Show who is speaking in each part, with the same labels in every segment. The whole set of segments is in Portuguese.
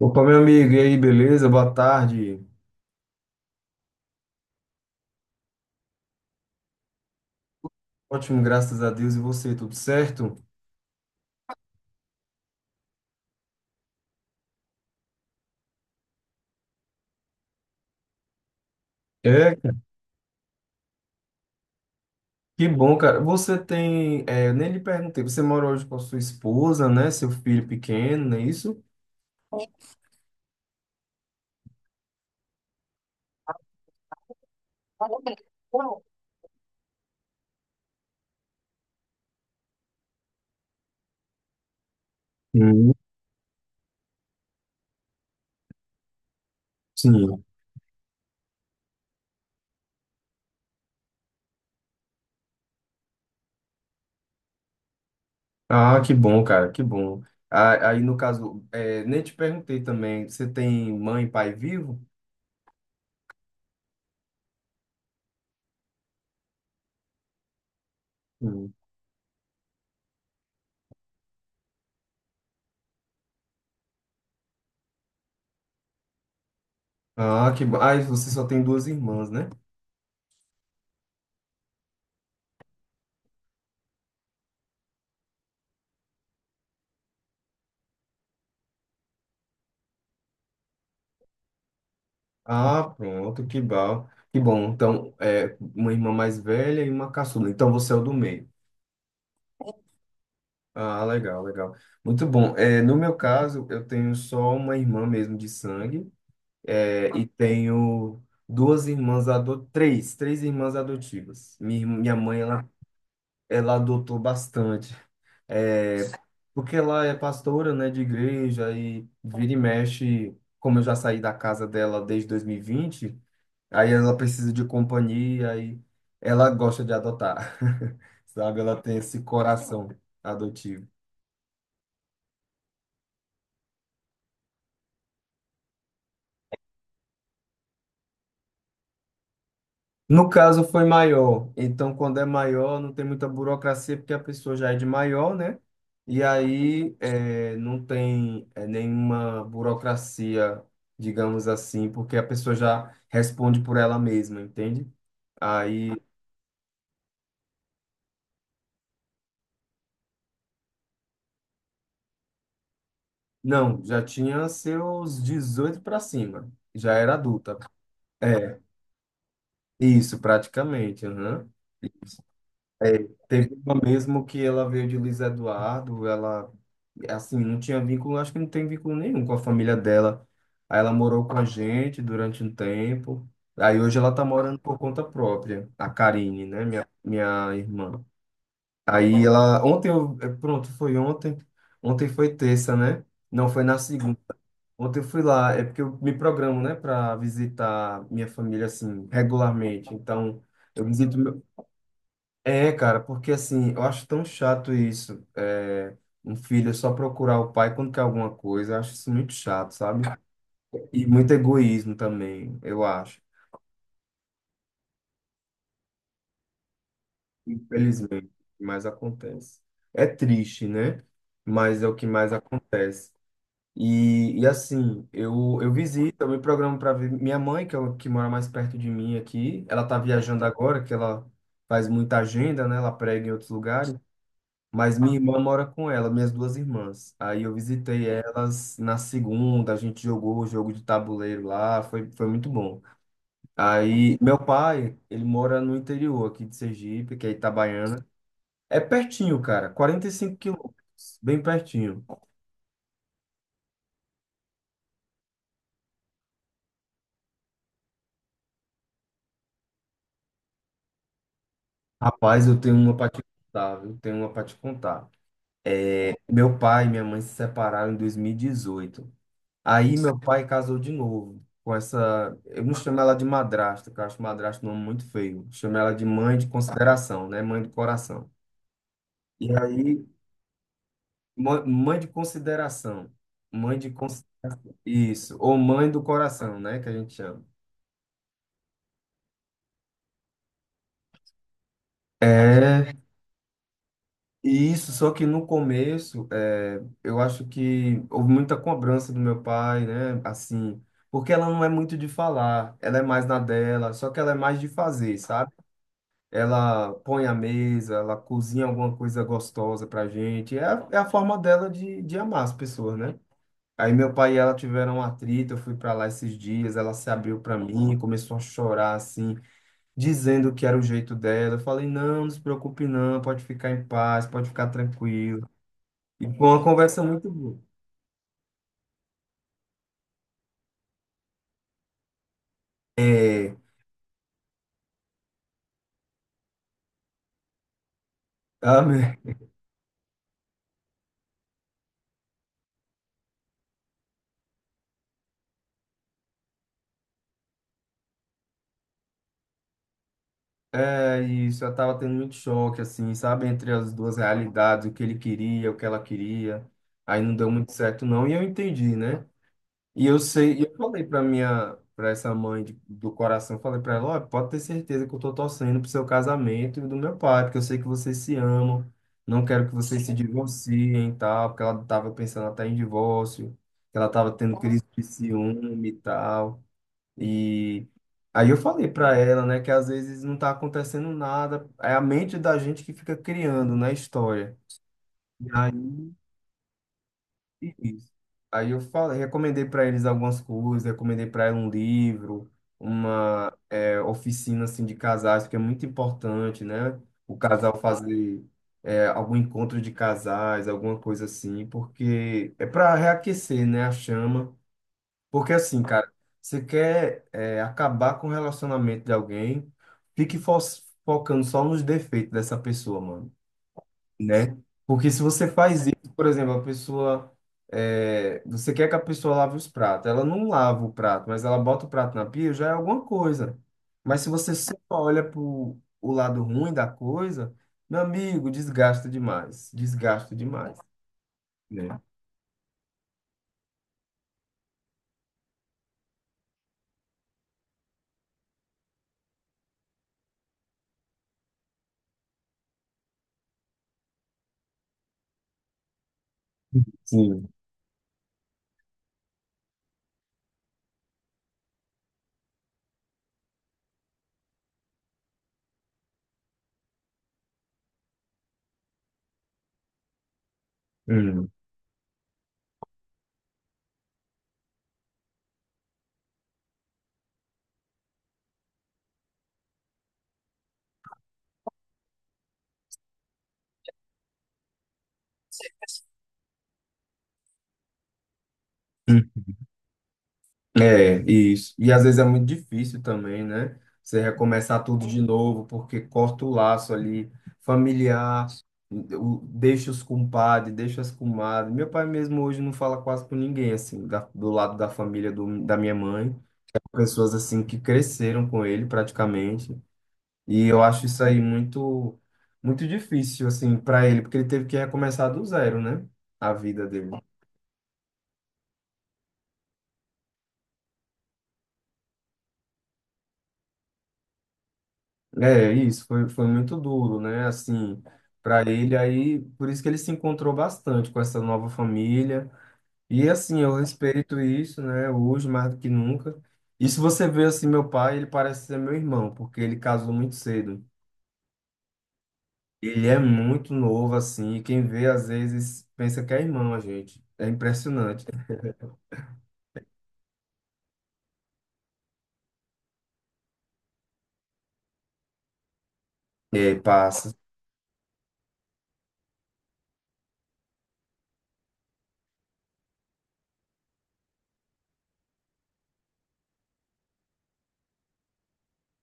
Speaker 1: Opa, meu amigo, e aí, beleza? Boa tarde. Ótimo, graças a Deus. E você, tudo certo? É, que bom, cara. Você tem, eu nem lhe perguntei, você mora hoje com a sua esposa, né? Seu filho pequeno, não é isso? Hum, sim. Ah, que bom, cara, que bom. Ah, aí, no caso, nem te perguntei também, você tem mãe e pai vivo? Hum. Ah, que bom. Ah, e você só tem duas irmãs, né? Ah, pronto, que bom. Que bom. Então, é, uma irmã mais velha e uma caçula. Então, você é o do meio. Ah, legal, legal. Muito bom. É, no meu caso, eu tenho só uma irmã mesmo de sangue, e tenho duas irmãs adotivas, três, três irmãs adotivas. Minha mãe, ela adotou bastante, é, porque ela é pastora, né, de igreja, e vira e mexe, como eu já saí da casa dela desde 2020, aí ela precisa de companhia, e ela gosta de adotar, sabe? Ela tem esse coração adotivo. No caso, foi maior. Então, quando é maior, não tem muita burocracia, porque a pessoa já é de maior, né? E aí, não tem, nenhuma burocracia, digamos assim, porque a pessoa já responde por ela mesma, entende? Aí, não, já tinha seus 18 para cima. Já era adulta. É, isso, praticamente. Aham. É, teve uma mesmo que ela veio de Luiz Eduardo, ela, assim, não tinha vínculo, acho que não tem vínculo nenhum com a família dela. Aí ela morou com a gente durante um tempo. Aí hoje ela tá morando por conta própria, a Karine, né, minha irmã. Aí ela, ontem eu, pronto, foi ontem, ontem foi terça, né? Não, foi na segunda. Ontem eu fui lá, é porque eu me programo, né, para visitar minha família, assim, regularmente. Então, eu visito. É, cara, porque assim, eu acho tão chato isso. É, um filho só procurar o pai quando quer alguma coisa, eu acho isso muito chato, sabe? E muito egoísmo também, eu acho. Infelizmente, o que mais acontece. É triste, né? Mas é o que mais acontece. E assim, eu visito, eu me programo para ver minha mãe, que, é o que mora mais perto de mim aqui. Ela tá viajando agora, que ela faz muita agenda, né? Ela prega em outros lugares. Mas minha irmã mora com ela, minhas duas irmãs. Aí eu visitei elas na segunda, a gente jogou o jogo de tabuleiro lá, foi, foi muito bom. Aí meu pai, ele mora no interior aqui de Sergipe, que é Itabaiana. É pertinho, cara, 45 quilômetros, bem pertinho. Rapaz, eu tenho uma pra te contar, viu? Tenho uma pra te contar. É, meu pai e minha mãe se separaram em 2018. Aí meu pai casou de novo com essa. Eu não chamo ela de madrasta, que eu acho madrasta um nome muito feio. Chamo ela de mãe de consideração, né? Mãe do coração. E aí, mãe de consideração. Mãe de. cons- Isso. Ou mãe do coração, né? Que a gente chama. É. E isso, só que no começo, eu acho que houve muita cobrança do meu pai, né? Assim, porque ela não é muito de falar, ela é mais na dela, só que ela é mais de fazer, sabe? Ela põe a mesa, ela cozinha alguma coisa gostosa pra gente. É a forma dela de amar as pessoas, né? Aí meu pai e ela tiveram um atrito, eu fui pra lá esses dias, ela se abriu pra mim, começou a chorar assim, dizendo que era o jeito dela. Eu falei, não, não se preocupe não, pode ficar em paz, pode ficar tranquilo. E foi uma conversa muito boa. É, amém. É isso, eu tava tendo muito choque, assim, sabe, entre as duas realidades, o que ele queria, o que ela queria. Aí não deu muito certo, não, e eu entendi, né? E eu sei, e eu falei pra minha, pra essa mãe do coração, eu falei pra ela, ó, pode ter certeza que eu tô torcendo pro seu casamento e do meu pai, porque eu sei que vocês se amam, não quero que vocês se divorciem e tal, porque ela tava pensando até em divórcio, que ela tava tendo crise de ciúme e tal. E aí eu falei pra ela, né, que às vezes não tá acontecendo nada, é a mente da gente que fica criando, né, história. E aí, isso. Aí eu falei, recomendei para eles algumas coisas, recomendei para ela um livro, uma oficina assim de casais, que é muito importante, né? O casal fazer algum encontro de casais, alguma coisa assim, porque é para reaquecer, né, a chama. Porque assim, cara, você quer acabar com o relacionamento de alguém, fique fo- focando só nos defeitos dessa pessoa, mano, né? Porque se você faz isso, por exemplo, a pessoa, você quer que a pessoa lave os pratos, ela não lava o prato, mas ela bota o prato na pia, já é alguma coisa. Mas se você só olha pro o lado ruim da coisa, meu amigo, desgasta demais, né? Sim. Hum. É, isso. E às vezes é muito difícil também, né? Você recomeçar tudo de novo, porque corta o laço ali familiar, deixa os compadres, deixa as comadres. Meu pai mesmo hoje não fala quase com ninguém, assim, do lado da família da minha mãe. Pessoas, assim, que cresceram com ele praticamente. E eu acho isso aí muito, muito difícil, assim, para ele, porque ele teve que recomeçar do zero, né? A vida dele. É, isso foi, foi muito duro, né? Assim, para ele aí, por isso que ele se encontrou bastante com essa nova família. E assim, eu respeito isso, né? Hoje mais do que nunca. E se você vê assim, meu pai, ele parece ser meu irmão, porque ele casou muito cedo. Ele é muito novo assim, e quem vê às vezes pensa que é irmão a gente. É impressionante. É, passa.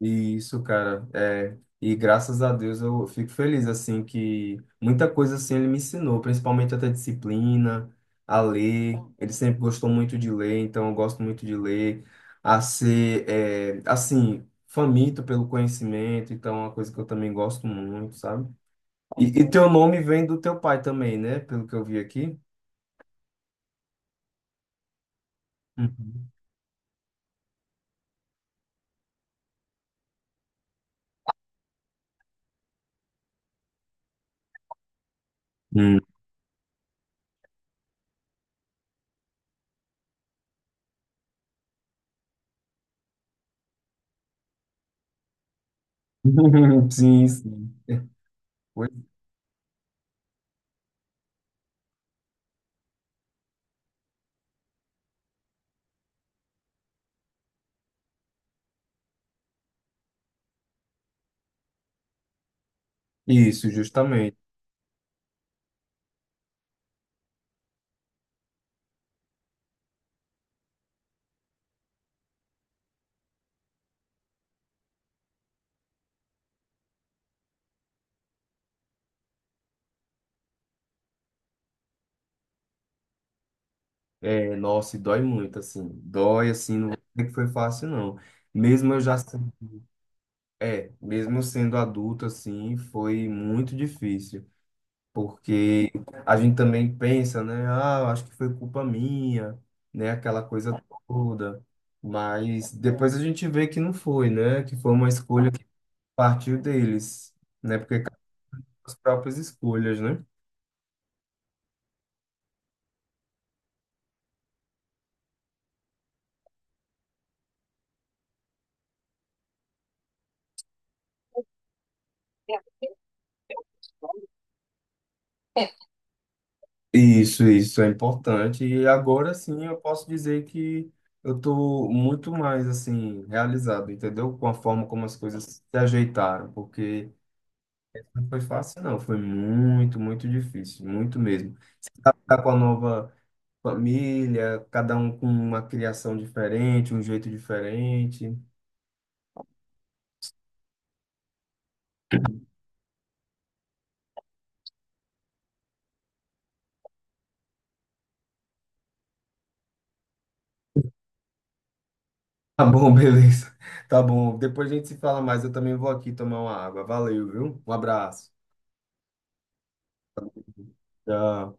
Speaker 1: Isso, cara, e graças a Deus eu fico feliz, assim, que muita coisa, assim, ele me ensinou, principalmente até disciplina, a ler, ele sempre gostou muito de ler, então eu gosto muito de ler, a ser, assim, faminto pelo conhecimento, então é uma coisa que eu também gosto muito, sabe? E teu nome vem do teu pai também, né, pelo que eu vi aqui? Uhum. Hum. Sim, sim. Pois- Isso, justamente. É, nossa, e dói muito, assim. Dói, assim, não vou dizer que foi fácil, não. Mesmo eu já. Se- É, mesmo eu sendo adulto, assim, foi muito difícil. Porque a gente também pensa, né? Ah, eu acho que foi culpa minha, né? Aquela coisa toda. Mas depois a gente vê que não foi, né? Que foi uma escolha que partiu deles, né? Porque cada um com as próprias escolhas, né? Isso é importante. E agora sim eu posso dizer que eu estou muito mais assim realizado, entendeu? Com a forma como as coisas se ajeitaram, porque não foi fácil, não, foi muito, muito difícil, muito mesmo. Tá com a nova família, cada um com uma criação diferente, um jeito diferente. Tá bom, beleza. Tá bom. Depois a gente se fala mais. Eu também vou aqui tomar uma água. Valeu, viu? Um abraço. Tchau.